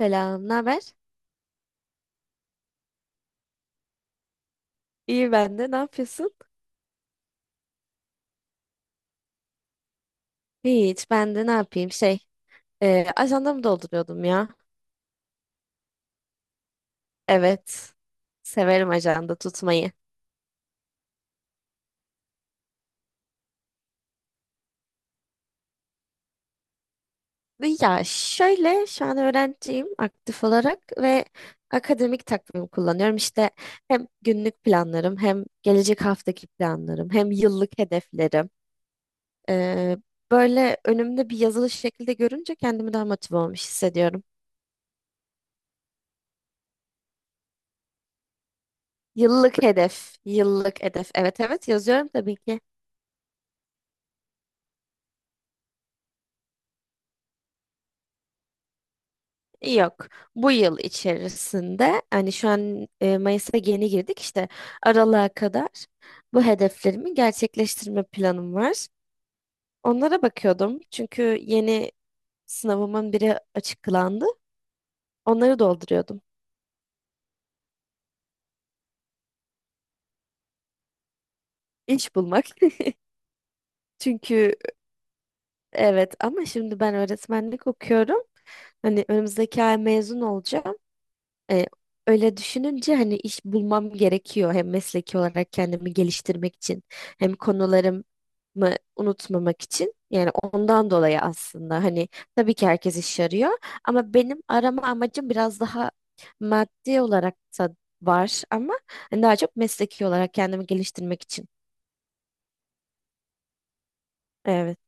Selam, ne haber? İyi ben de. Ne yapıyorsun? Hiç, ben de ne yapayım? Şey, ajandamı dolduruyordum ya. Evet, severim ajanda tutmayı. Ya şöyle, şu an öğrenciyim aktif olarak ve akademik takvim kullanıyorum. İşte hem günlük planlarım, hem gelecek haftaki planlarım, hem yıllık hedeflerim. E, Böyle önümde bir yazılı şekilde görünce kendimi daha motive olmuş hissediyorum. Yıllık hedef, yıllık hedef. Evet, evet, yazıyorum tabii ki. Yok. Bu yıl içerisinde hani şu an Mayıs'a yeni girdik işte aralığa kadar bu hedeflerimi gerçekleştirme planım var. Onlara bakıyordum çünkü yeni sınavımın biri açıklandı. Onları dolduruyordum. İş bulmak. Çünkü evet, ama şimdi ben öğretmenlik okuyorum. Hani önümüzdeki ay mezun olacağım. E, Öyle düşününce hani iş bulmam gerekiyor, hem mesleki olarak kendimi geliştirmek için, hem konularımı unutmamak için. Yani ondan dolayı aslında hani tabii ki herkes iş arıyor, ama benim arama amacım biraz daha maddi olarak da var, ama hani daha çok mesleki olarak kendimi geliştirmek için. Evet.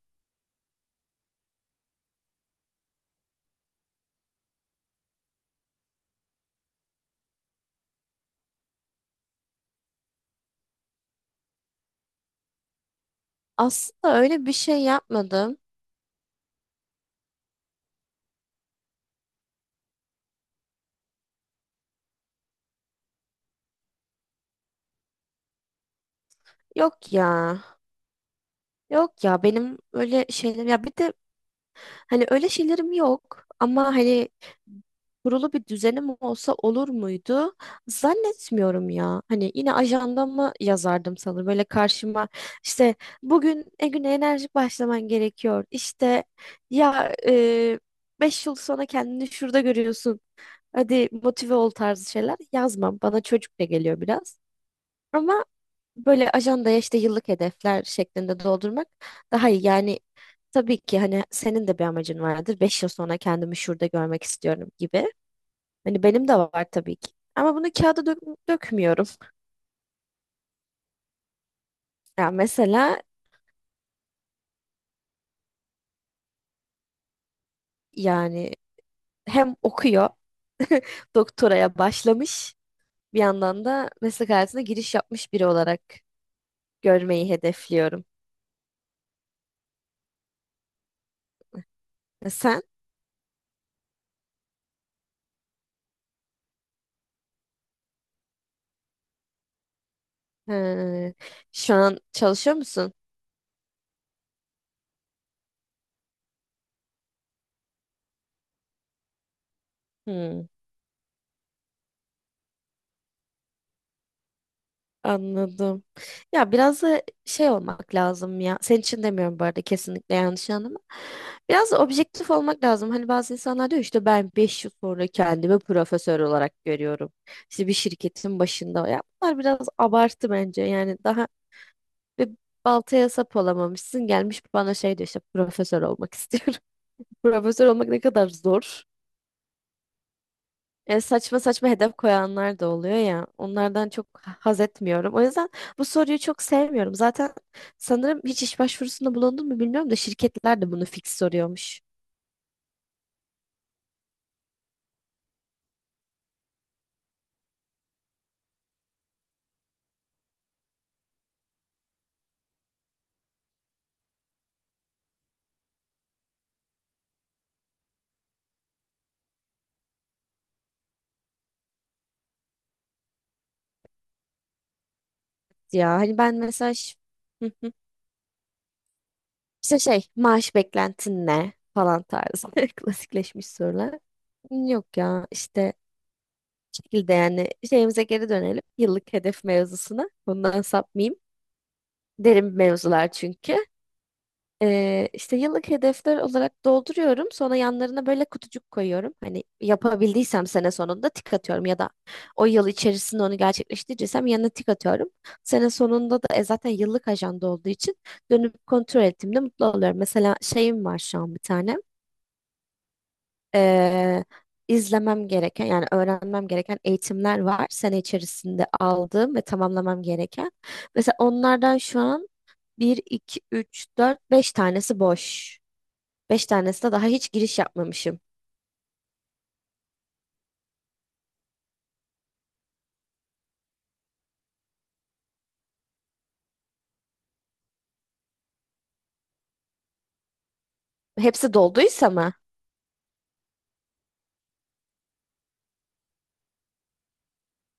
Aslında öyle bir şey yapmadım. Yok ya. Yok ya, benim öyle şeyler ya bir de hani öyle şeylerim yok, ama hani kurulu bir düzenim olsa olur muydu? Zannetmiyorum ya. Hani yine ajandama yazardım sanırım. Böyle karşıma işte bugün güne enerjik başlaman gerekiyor. İşte ya 5 yıl sonra kendini şurada görüyorsun. Hadi motive ol tarzı şeyler yazmam. Bana çocukça geliyor biraz. Ama böyle ajandaya işte yıllık hedefler şeklinde doldurmak daha iyi. Yani, tabii ki hani senin de bir amacın vardır. 5 yıl sonra kendimi şurada görmek istiyorum gibi. Hani benim de var tabii ki. Ama bunu kağıda dökmüyorum. Ya mesela yani hem okuyor, doktoraya başlamış, bir yandan da meslek hayatına giriş yapmış biri olarak görmeyi hedefliyorum. E sen? He, şu an çalışıyor musun? Hmm. Anladım. Ya biraz da şey olmak lazım ya. Senin için demiyorum bu arada, kesinlikle yanlış anlama. Biraz da objektif olmak lazım. Hani bazı insanlar diyor işte ben 5 yıl sonra kendimi profesör olarak görüyorum. İşte bir şirketin başında. Ya bunlar biraz abartı bence. Yani daha bir baltaya sap olamamışsın. Gelmiş bana şey diyor işte profesör olmak istiyorum. Profesör olmak ne kadar zor. Saçma saçma hedef koyanlar da oluyor ya. Onlardan çok haz etmiyorum. O yüzden bu soruyu çok sevmiyorum. Zaten sanırım hiç iş başvurusunda bulundun mu bilmiyorum da şirketler de bunu fix soruyormuş. Ya hani ben mesela Hı hı. işte şey maaş beklentin ne falan tarzı, klasikleşmiş sorular. Yok ya işte şekilde yani şeyimize geri dönelim. Yıllık hedef mevzusuna. Bundan sapmayayım. Derin mevzular çünkü. İşte yıllık hedefler olarak dolduruyorum. Sonra yanlarına böyle kutucuk koyuyorum. Hani yapabildiysem sene sonunda tik atıyorum, ya da o yıl içerisinde onu gerçekleştireceksem yanına tik atıyorum. Sene sonunda da zaten yıllık ajanda olduğu için dönüp kontrol ettiğimde mutlu oluyorum. Mesela şeyim var şu an bir tane. Ee, izlemem gereken yani öğrenmem gereken eğitimler var. Sene içerisinde aldığım ve tamamlamam gereken. Mesela onlardan şu an bir 2 3 4 5 tanesi boş. Beş tanesine daha hiç giriş yapmamışım. Hepsi dolduysa mı?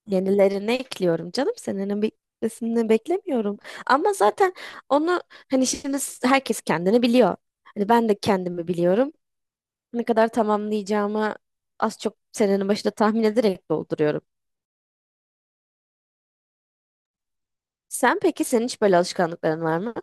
Yenilerini ekliyorum canım. Senenin bitmesini beklemiyorum. Ama zaten onu hani şimdi herkes kendini biliyor. Hani ben de kendimi biliyorum. Ne kadar tamamlayacağımı az çok senenin başında tahmin ederek dolduruyorum. Sen peki senin hiç böyle alışkanlıkların var mı?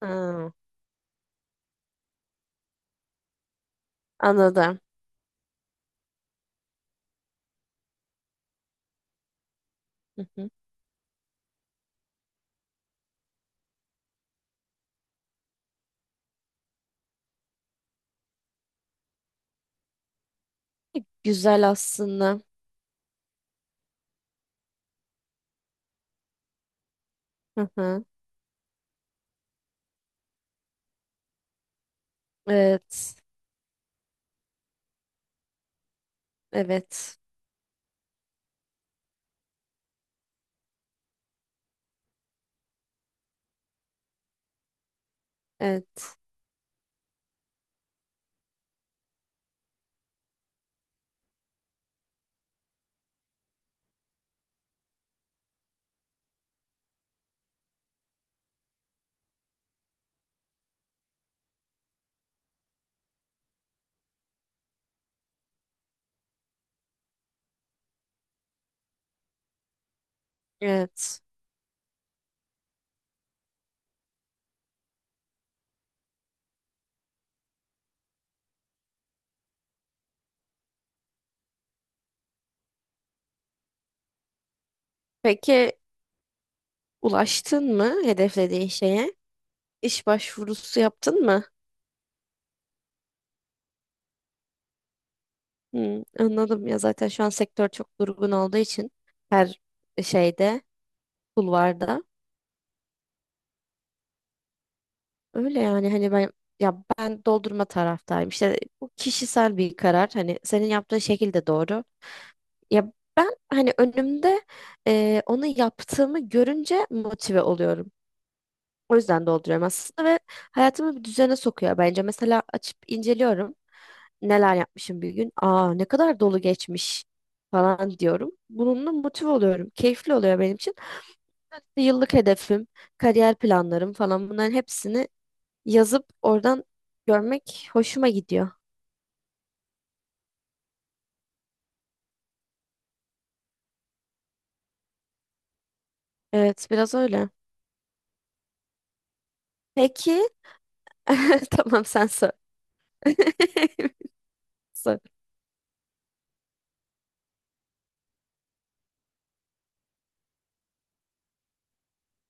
Ha, anladım. Hı hı. Güzel aslında. Hı hı. Evet. Evet. Evet. Evet. Peki, ulaştın mı hedeflediğin şeye? İş başvurusu yaptın mı? Hmm, anladım ya, zaten şu an sektör çok durgun olduğu için her şeyde, kulvarda. Öyle yani hani ben, ya ben doldurma taraftayım. İşte bu kişisel bir karar. Hani senin yaptığın şekil de doğru. Ya ben hani önümde onu yaptığımı görünce motive oluyorum. O yüzden dolduruyorum aslında ve hayatımı bir düzene sokuyor bence. Mesela açıp inceliyorum. Neler yapmışım bir gün. Aa, ne kadar dolu geçmiş falan diyorum. Bununla motive oluyorum. Keyifli oluyor benim için. Evet, İşte yıllık hedefim, kariyer planlarım falan, bunların hepsini yazıp oradan görmek hoşuma gidiyor. Evet, biraz öyle. Peki. Tamam, sen sor. Sor.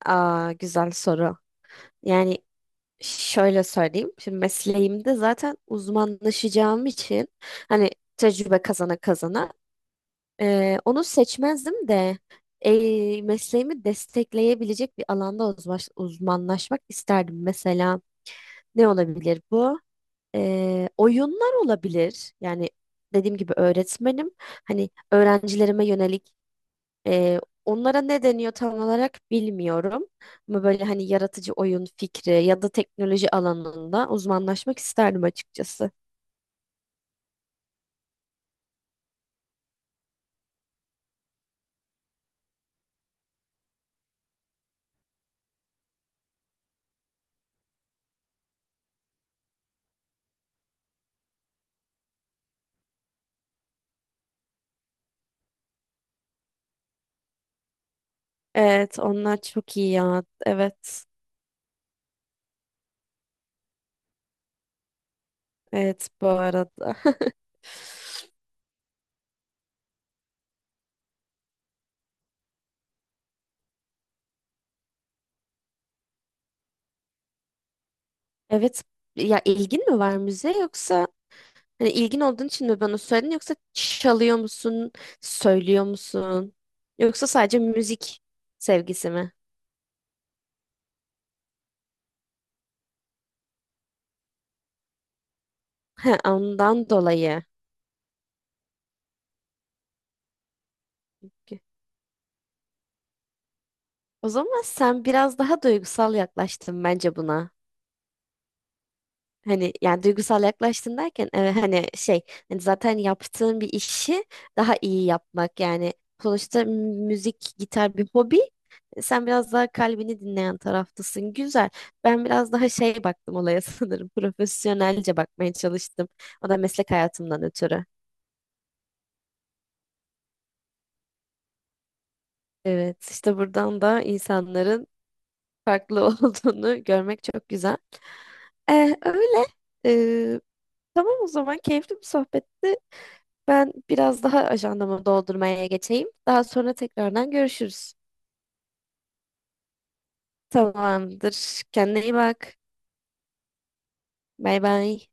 Aa, güzel soru. Yani şöyle söyleyeyim. Şimdi mesleğimde zaten uzmanlaşacağım için, hani tecrübe kazana kazana, onu seçmezdim de mesleğimi destekleyebilecek bir alanda uzmanlaşmak isterdim. Mesela ne olabilir bu? Oyunlar olabilir. Yani dediğim gibi öğretmenim. Hani öğrencilerime yönelik onlara ne deniyor tam olarak bilmiyorum. Ama böyle hani yaratıcı oyun fikri ya da teknoloji alanında uzmanlaşmak isterdim açıkçası. Evet, onlar çok iyi ya. Evet. Evet, bu arada. Evet. Ya ilgin mi var müziğe, yoksa hani ilgin olduğun için mi bana söyledin, yoksa çalıyor musun, söylüyor musun? Yoksa sadece müzik sevgisi mi? He, ondan dolayı. O zaman sen biraz daha duygusal yaklaştın bence buna. Hani yani duygusal yaklaştın derken hani şey, hani zaten yaptığın bir işi daha iyi yapmak yani, sonuçta müzik, gitar bir hobi. Sen biraz daha kalbini dinleyen taraftasın, güzel. Ben biraz daha şey baktım olaya, sanırım profesyonelce bakmaya çalıştım, o da meslek hayatımdan ötürü. Evet, işte buradan da insanların farklı olduğunu görmek çok güzel. Öyle. Ee, tamam, o zaman keyifli bir sohbetti. Ben biraz daha ajandamı doldurmaya geçeyim. Daha sonra tekrardan görüşürüz. Tamamdır. Kendine iyi bak. Bay bay.